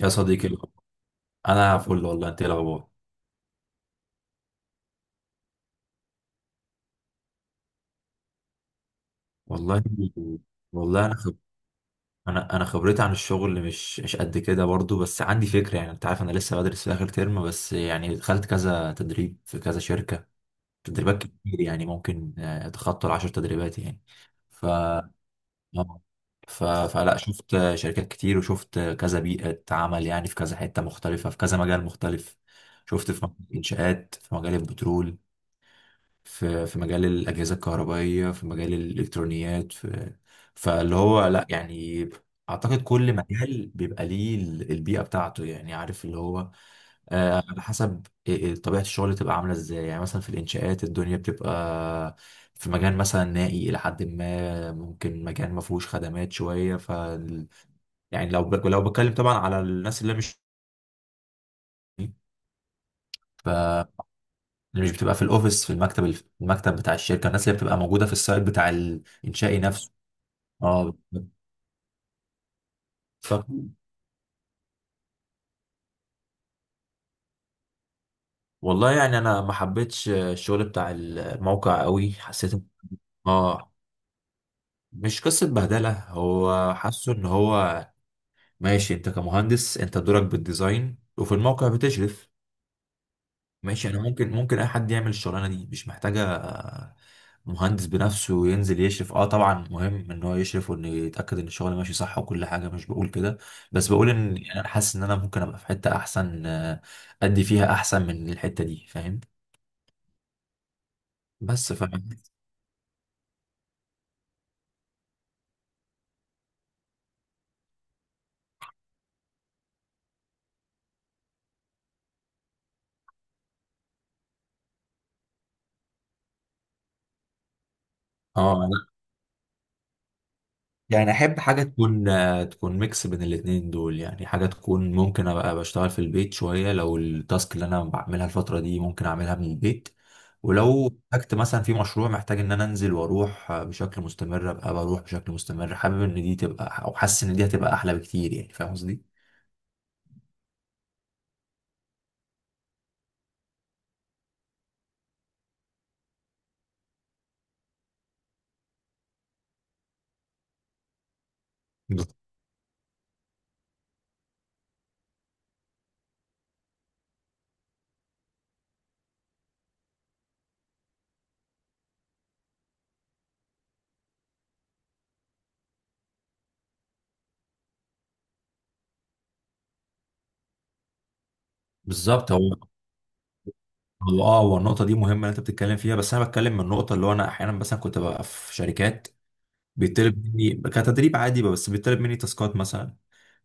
يا صديقي، انا فل والله. انت إيه الاخبار؟ والله. والله انا خبرتي عن الشغل مش قد كده برضو، بس عندي فكره. يعني انت عارف انا لسه بدرس في اخر ترم، بس يعني دخلت كذا تدريب في كذا شركه، تدريبات كتير. يعني ممكن اتخطى العشر تدريبات يعني. ف آه. فلا شفت شركات كتير، وشفت كذا بيئه عمل. يعني في كذا حته مختلفه، في كذا مجال مختلف. شفت في مجال الانشاءات، في مجال البترول، في مجال الأجهزة الكهربائية، في مجال الإلكترونيات، في فاللي هو لا يعني أعتقد كل مجال بيبقى ليه البيئة بتاعته. يعني عارف اللي هو، على حسب إيه طبيعة الشغل تبقى عاملة إزاي. يعني مثلا في الإنشاءات الدنيا بتبقى في مجال مثلا نائي إلى حد ما، ممكن مكان ما فيهوش خدمات شوية. ف يعني لو بتكلم طبعا على الناس اللي مش، ف اللي مش بتبقى في الأوفيس، في المكتب، المكتب بتاع الشركة. الناس اللي بتبقى موجودة في السايت بتاع الإنشائي نفسه. اه بالظبط. ف... والله يعني انا ما حبيتش الشغل بتاع الموقع قوي، حسيت اه مش قصة بهدلة، هو حاسه ان هو ماشي. انت كمهندس انت دورك بالديزاين، وفي الموقع بتشرف ماشي. انا ممكن اي حد يعمل الشغلانة دي، مش محتاجة مهندس بنفسه ينزل يشرف. اه طبعا مهم ان هو يشرف، وانه يتأكد ان الشغل ماشي صح وكل حاجة. مش بقول كده، بس بقول ان يعني انا حاسس ان انا ممكن ابقى في حتة احسن، ادي فيها احسن من الحتة دي. فاهم؟ بس ف اه أنا- يعني احب حاجه تكون تكون ميكس بين الاتنين دول. يعني حاجه تكون ممكن ابقى بشتغل في البيت شويه، لو التاسك اللي انا بعملها الفتره دي ممكن اعملها من البيت. ولو احتجت مثلا في مشروع محتاج ان انا انزل واروح بشكل مستمر، ابقى بروح بشكل مستمر. حابب ان دي تبقى، او حاسس ان دي هتبقى احلى بكتير. يعني فاهم قصدي؟ بز- بالظبط. هو هو اه، هو النقطه دي مهمه اللي انت بتتكلم فيها، بس انا بتكلم من النقطه اللي هو انا احيانا مثلا كنت ببقى في شركات بيطلب مني كتدريب عادي، بس بيطلب مني تاسكات مثلا.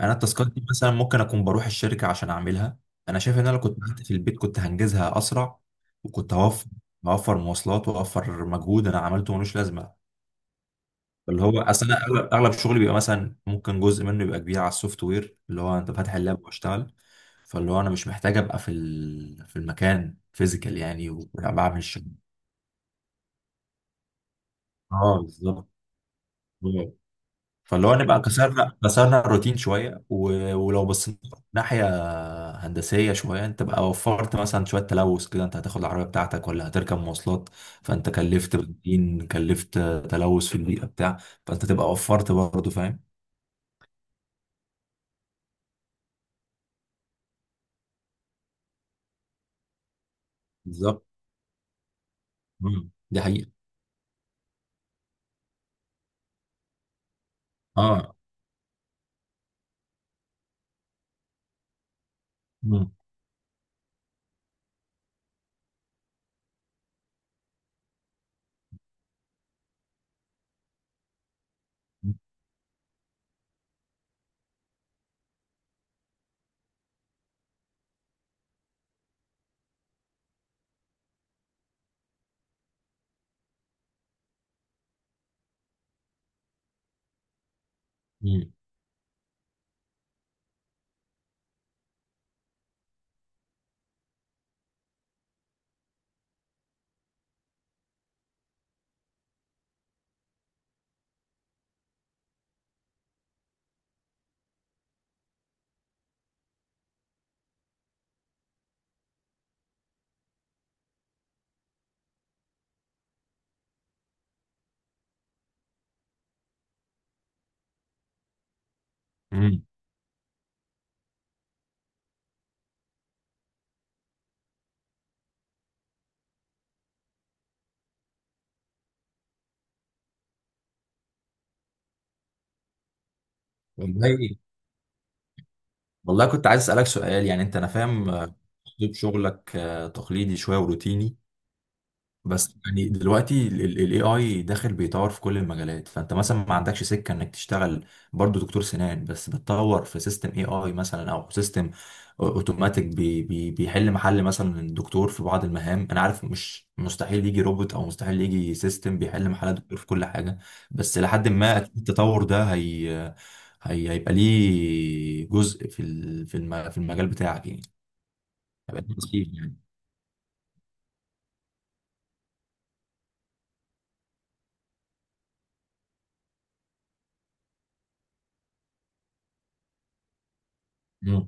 انا التاسكات دي مثلا ممكن اكون بروح الشركه عشان اعملها. انا شايف ان انا لو كنت قعدت في البيت كنت هنجزها اسرع. وكنت هوفر هوفر مواصلات واوفر مجهود انا عملته ملوش لازمه. اللي هو اصل انا اغلب شغلي بيبقى مثلا ممكن جزء منه يبقى كبير على السوفت وير، اللي هو انت فاتح اللاب واشتغل. فاللي هو انا مش محتاج ابقى في في المكان فيزيكال يعني، وبعمل الشغل. اه بالظبط. آه. فاللي هو نبقى كسرنا الروتين شويه، ولو بصينا ناحيه هندسية شوية، انت بقى وفرت مثلا شوية تلوث كده. انت هتاخد العربية بتاعتك ولا هتركب مواصلات؟ فانت كلفت بنزين، كلفت تلوث في البيئة بتاع. فانت تبقى وفرت برضه. فاهم؟ بالظبط. مم، دي حقيقة. اه. مم. مم. مم. والله. والله كنت عايز اسألك سؤال. يعني انت، انا فاهم اسلوب شغلك تقليدي شوية وروتيني، بس يعني دلوقتي الاي اي داخل بيطور في كل المجالات. فانت مثلا ما عندكش سكه انك تشتغل برضو دكتور سنان، بس بتطور في سيستم اي اي مثلا، او سيستم اوتوماتيك بي بيحل محل مثلا الدكتور في بعض المهام؟ انا عارف مش مستحيل يجي روبوت، او مستحيل يجي سيستم بيحل محل الدكتور في كل حاجه، بس لحد ما أكيد التطور ده هي هيبقى ليه جزء في في في المجال بتاعك يعني. هيبقى ليه تأثير. يعني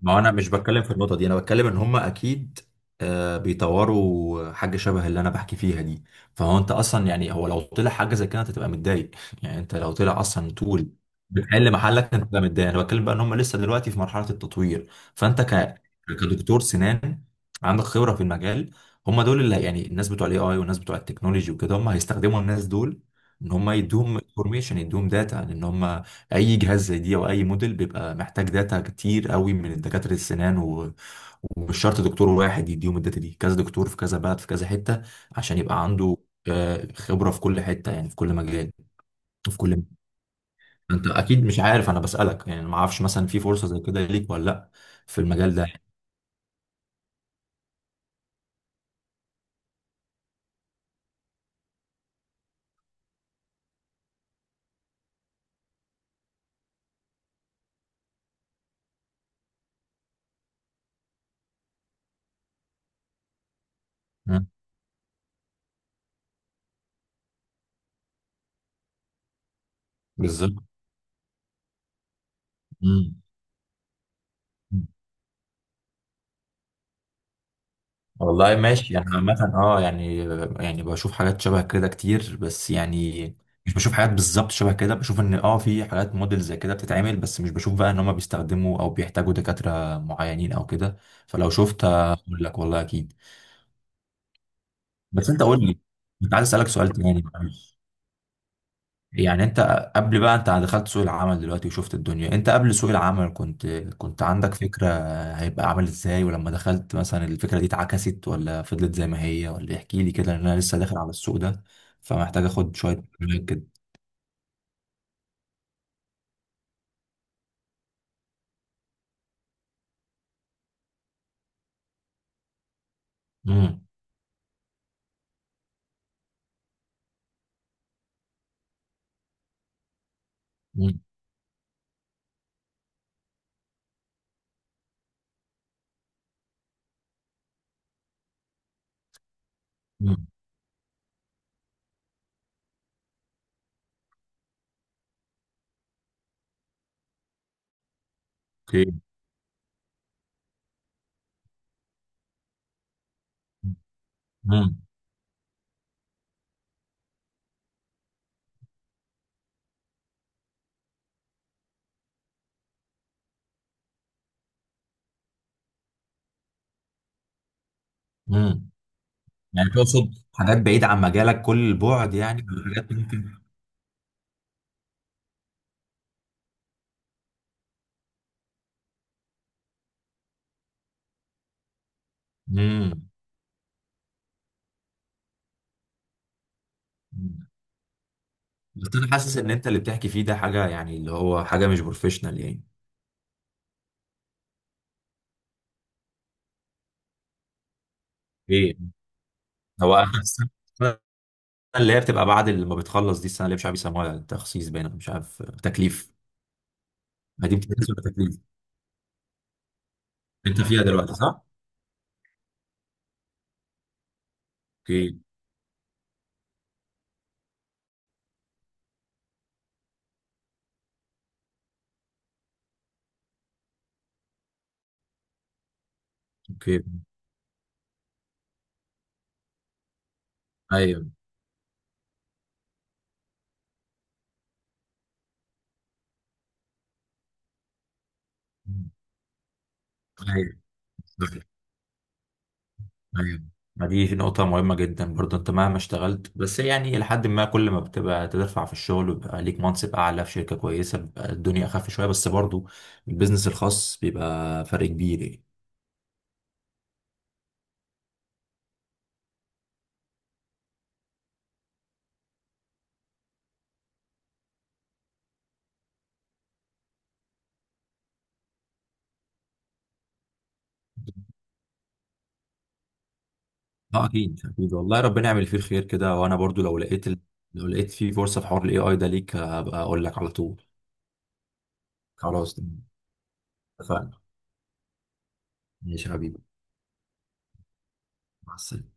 ما هو انا مش بتكلم في النقطه دي، انا بتكلم ان هم اكيد بيطوروا حاجه شبه اللي انا بحكي فيها دي. فهو انت اصلا، يعني هو لو طلع حاجه زي كده انت تبقى متضايق يعني انت لو طلع اصلا طول بتحل محلك انت تبقى متضايق. انا بتكلم بقى ان هم لسه دلوقتي في مرحله التطوير. فانت ك... كدكتور سنان عندك خبره في المجال. هم دول اللي يعني الناس بتوع الاي اي والناس بتوع التكنولوجي وكده، هم هيستخدموا الناس دول ان هم يدوهم انفورميشن، يدوهم داتا. ان هم اي جهاز زي دي او اي موديل بيبقى محتاج داتا كتير قوي من دكاتره السنان، ومش شرط دكتور واحد يديهم الداتا دي، كذا دكتور في كذا بلد في كذا حته، عشان يبقى عنده خبره في كل حته يعني، في كل مجال، في كل. انت اكيد مش عارف، انا بسالك يعني، ما اعرفش مثلا في فرصه زي كده ليك ولا لا، في المجال ده؟ مم. بالظبط. مم. والله ماشي. انا عامة اه، يعني يعني بشوف حاجات شبه كده كتير، بس يعني مش بشوف حاجات بالظبط شبه كده. بشوف ان اه في حاجات موديل زي كده بتتعمل، بس مش بشوف بقى ان هم بيستخدموا او بيحتاجوا دكاترة معينين او كده. فلو شفت هقول لك، والله اكيد. بس انت قول لي، كنت عايز اسالك سؤال تاني، معلش. يعني انت قبل بقى، انت دخلت سوق العمل دلوقتي وشفت الدنيا، انت قبل سوق العمل كنت عندك فكرة هيبقى عامل ازاي؟ ولما دخلت، مثلا الفكرة دي اتعكست، ولا فضلت زي ما هي؟ ولا احكي لي كده، لان انا لسه داخل على السوق ده، فمحتاج اخد شوية معلومات كده. امم. امم. امم. اوكي. امم. امم. يعني تقصد حاجات بعيدة عن مجالك كل البعد يعني؟ حاجات ممكن. امم. بس انا حاسس ان انت اللي بتحكي فيه ده حاجة يعني، اللي هو حاجة مش بروفيشنال يعني. ايه هو اللي هي بتبقى بعد اللي ما بتخلص دي، السنه اللي مش عارف يسموها تخصيص باين، أو مش عارف تكليف. ما دي امتياز ولا تكليف؟ انت فيها دلوقتي صح؟ اوكي. اوكي. ايوه ايوه ايوه. ما دي نقطة مهمة جدا برضه. انت مهما اشتغلت، بس يعني لحد ما كل ما بتبقى تدفع في الشغل ويبقى ليك منصب اعلى في شركة كويسة بيبقى الدنيا اخف شوية، بس برضه البيزنس الخاص بيبقى فرق كبير يعني. اه اكيد اكيد، والله ربنا يعمل فيه الخير كده. وانا برضو لو لقيت لو لقيت فيه فرصة في حوار الاي اي ده ليك هبقى اقول لك على طول. خلاص، اتفقنا. ماشي يا حبيبي، مع السلامة.